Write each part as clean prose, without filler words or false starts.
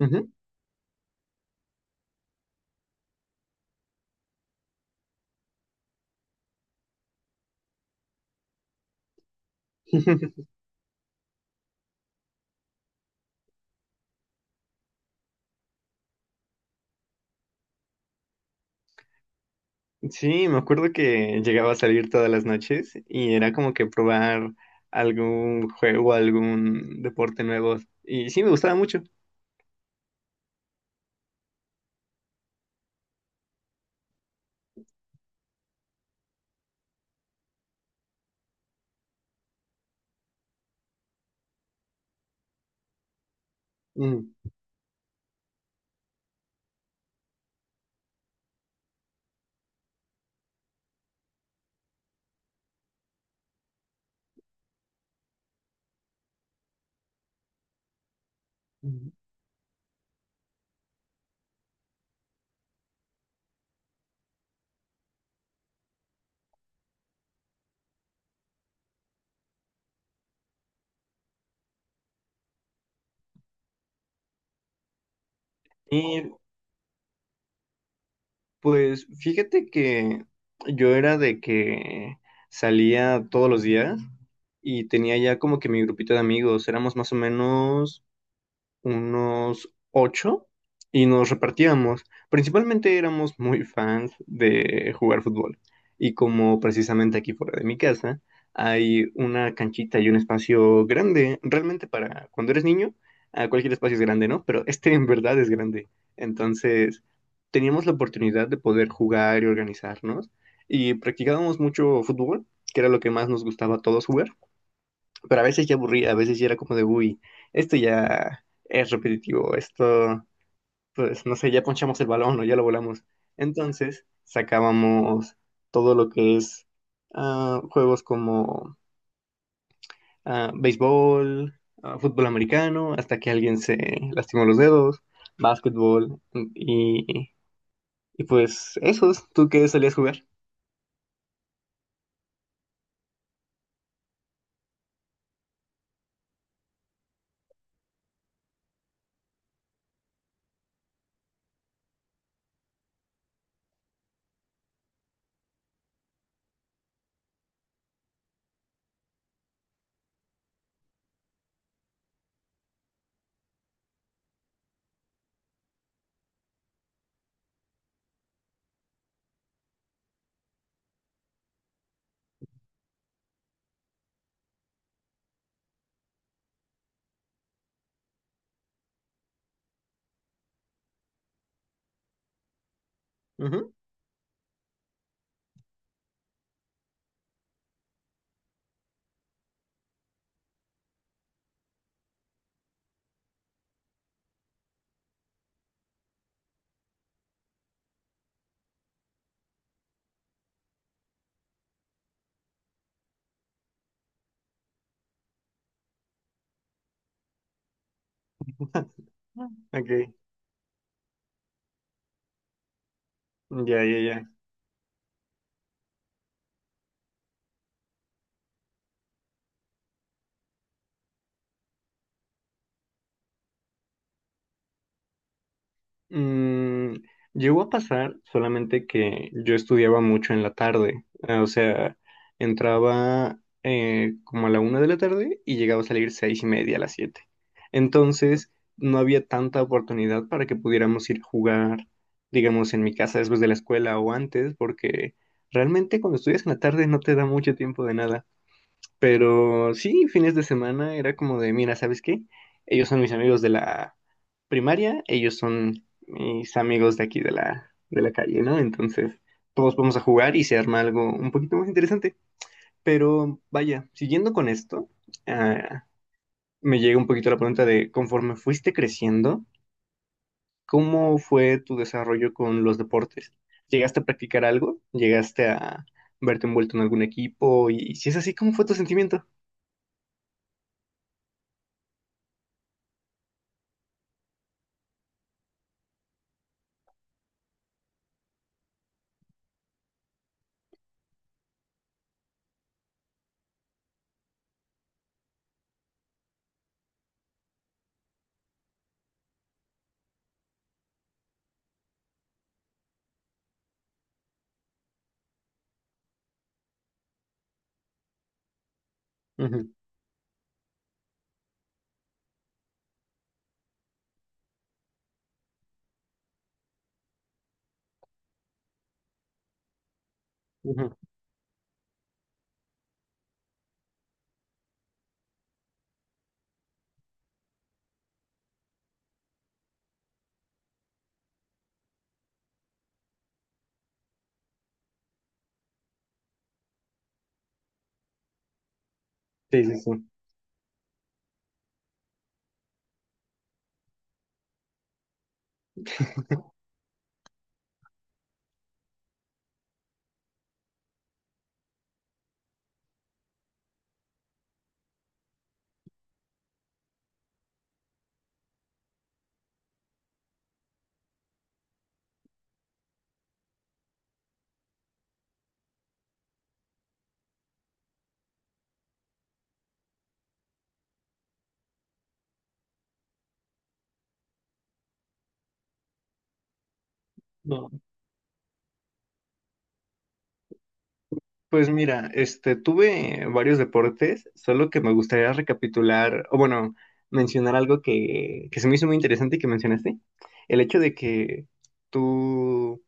Ujú. Sí, me acuerdo que llegaba a salir todas las noches y era como que probar algún juego, algún deporte nuevo. Y sí, me gustaba mucho. Mm. Y pues fíjate que yo era de que salía todos los días y tenía ya como que mi grupito de amigos. Éramos más o menos unos ocho y nos repartíamos. Principalmente éramos muy fans de jugar fútbol. Y como precisamente aquí fuera de mi casa hay una canchita y un espacio grande, realmente para cuando eres niño, cualquier espacio es grande, ¿no? Pero este en verdad es grande. Entonces teníamos la oportunidad de poder jugar y organizarnos. Y practicábamos mucho fútbol, que era lo que más nos gustaba a todos jugar, pero a veces ya aburría, a veces ya era como de, uy, esto ya es repetitivo, esto, pues no sé, ya ponchamos el balón o ya lo volamos. Entonces sacábamos todo lo que es juegos como béisbol, fútbol americano, hasta que alguien se lastimó los dedos, básquetbol y, y pues esos, ¿tú qué solías jugar? Ujú. Ok, ya, ya, ya. Mm, llegó a pasar solamente que yo estudiaba mucho en la tarde, o sea, entraba como a la una de la tarde y llegaba a salir seis y media a las siete. Entonces, no había tanta oportunidad para que pudiéramos ir a jugar, digamos, en mi casa después de la escuela o antes, porque realmente cuando estudias en la tarde no te da mucho tiempo de nada. Pero sí, fines de semana era como de, mira, ¿sabes qué? Ellos son mis amigos de la primaria, ellos son mis amigos de aquí de la calle, ¿no? Entonces, todos vamos a jugar y se arma algo un poquito más interesante. Pero vaya, siguiendo con esto, ah, me llega un poquito la pregunta de, conforme fuiste creciendo, ¿cómo fue tu desarrollo con los deportes? ¿Llegaste a practicar algo? ¿Llegaste a verte envuelto en algún equipo? Y si es así, ¿cómo fue tu sentimiento? Ujú, ujú. Sí, sí, sí. No. Pues mira, este, tuve varios deportes, solo que me gustaría recapitular, o bueno, mencionar algo que se me hizo muy interesante y que mencionaste. El hecho de que tú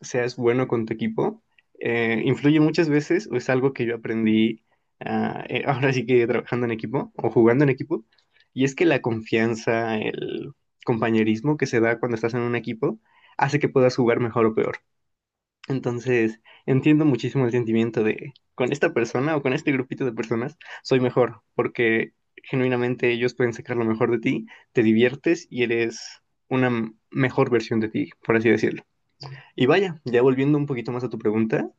seas bueno con tu equipo influye muchas veces, o es algo que yo aprendí ahora sí que trabajando en equipo o jugando en equipo, y es que la confianza, el compañerismo que se da cuando estás en un equipo hace que puedas jugar mejor o peor. Entonces, entiendo muchísimo el sentimiento de, con esta persona o con este grupito de personas, soy mejor, porque genuinamente ellos pueden sacar lo mejor de ti, te diviertes y eres una mejor versión de ti, por así decirlo. Y vaya, ya volviendo un poquito más a tu pregunta,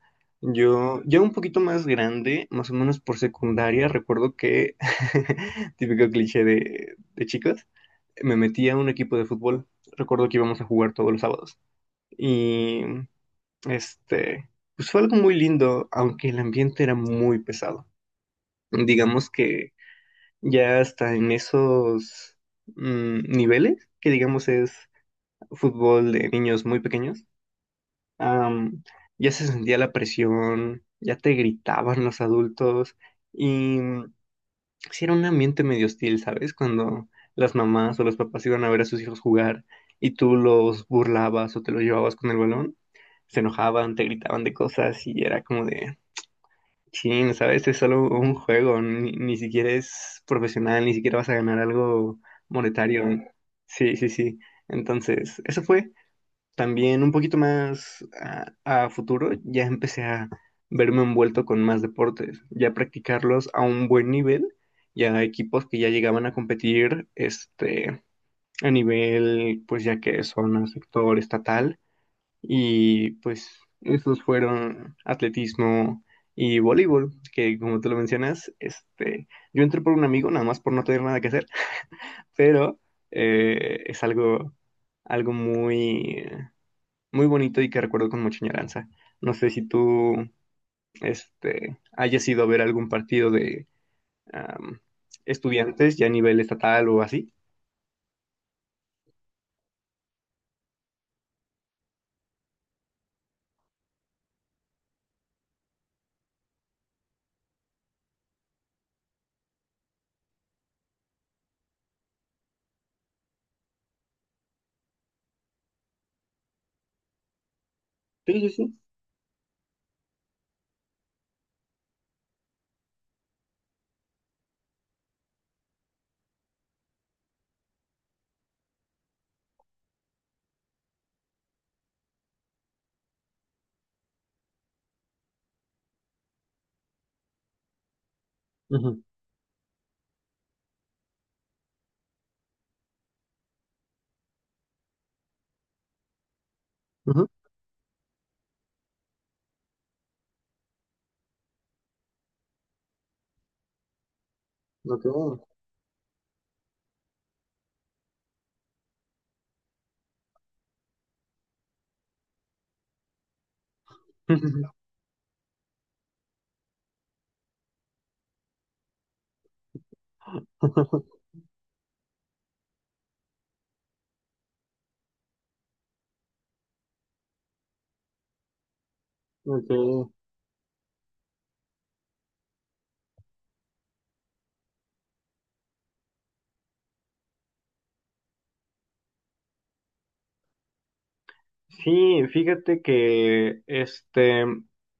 yo ya un poquito más grande, más o menos por secundaria, recuerdo que, típico cliché de chicos, me metí a un equipo de fútbol. Recuerdo que íbamos a jugar todos los sábados. Y este, pues fue algo muy lindo, aunque el ambiente era muy pesado. Digamos que ya hasta en esos niveles, que digamos es fútbol de niños muy pequeños, am, ya se sentía la presión, ya te gritaban los adultos y sí era un ambiente medio hostil, ¿sabes? Cuando las mamás o los papás iban a ver a sus hijos jugar y tú los burlabas o te los llevabas con el balón, se enojaban, te gritaban de cosas y era como de. Sí, ¿sabes? Es solo un juego, ni siquiera es profesional, ni siquiera vas a ganar algo monetario. Sí, sí, sí. Entonces, eso fue. También un poquito más a futuro, ya empecé a verme envuelto con más deportes, ya practicarlos a un buen nivel, ya equipos que ya llegaban a competir, este, a nivel, pues ya que son a sector estatal. Y pues esos fueron atletismo y voleibol, que como tú lo mencionas, este, yo entré por un amigo, nada más por no tener nada que hacer, pero es algo, algo muy, muy bonito y que recuerdo con mucha añoranza. No sé si tú, este, hayas ido a ver algún partido de am, estudiantes ya a nivel estatal o así. Sí, sí, sí. Ujú, ujú. Ok. Ok. Sí, fíjate que este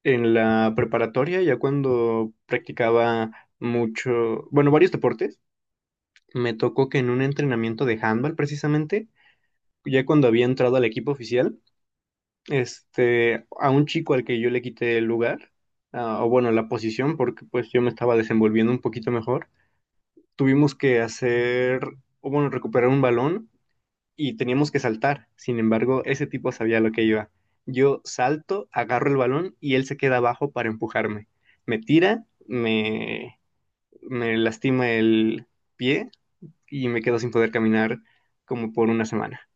en la preparatoria, ya cuando practicaba mucho, bueno, varios deportes, me tocó que en un entrenamiento de handball precisamente, ya cuando había entrado al equipo oficial, este, a un chico al que yo le quité el lugar, o bueno, la posición, porque pues yo me estaba desenvolviendo un poquito mejor, tuvimos que hacer, o bueno, recuperar un balón y teníamos que saltar. Sin embargo, ese tipo sabía lo que iba. Yo salto, agarro el balón y él se queda abajo para empujarme. Me tira, me lastima el pie y me quedo sin poder caminar como por una semana.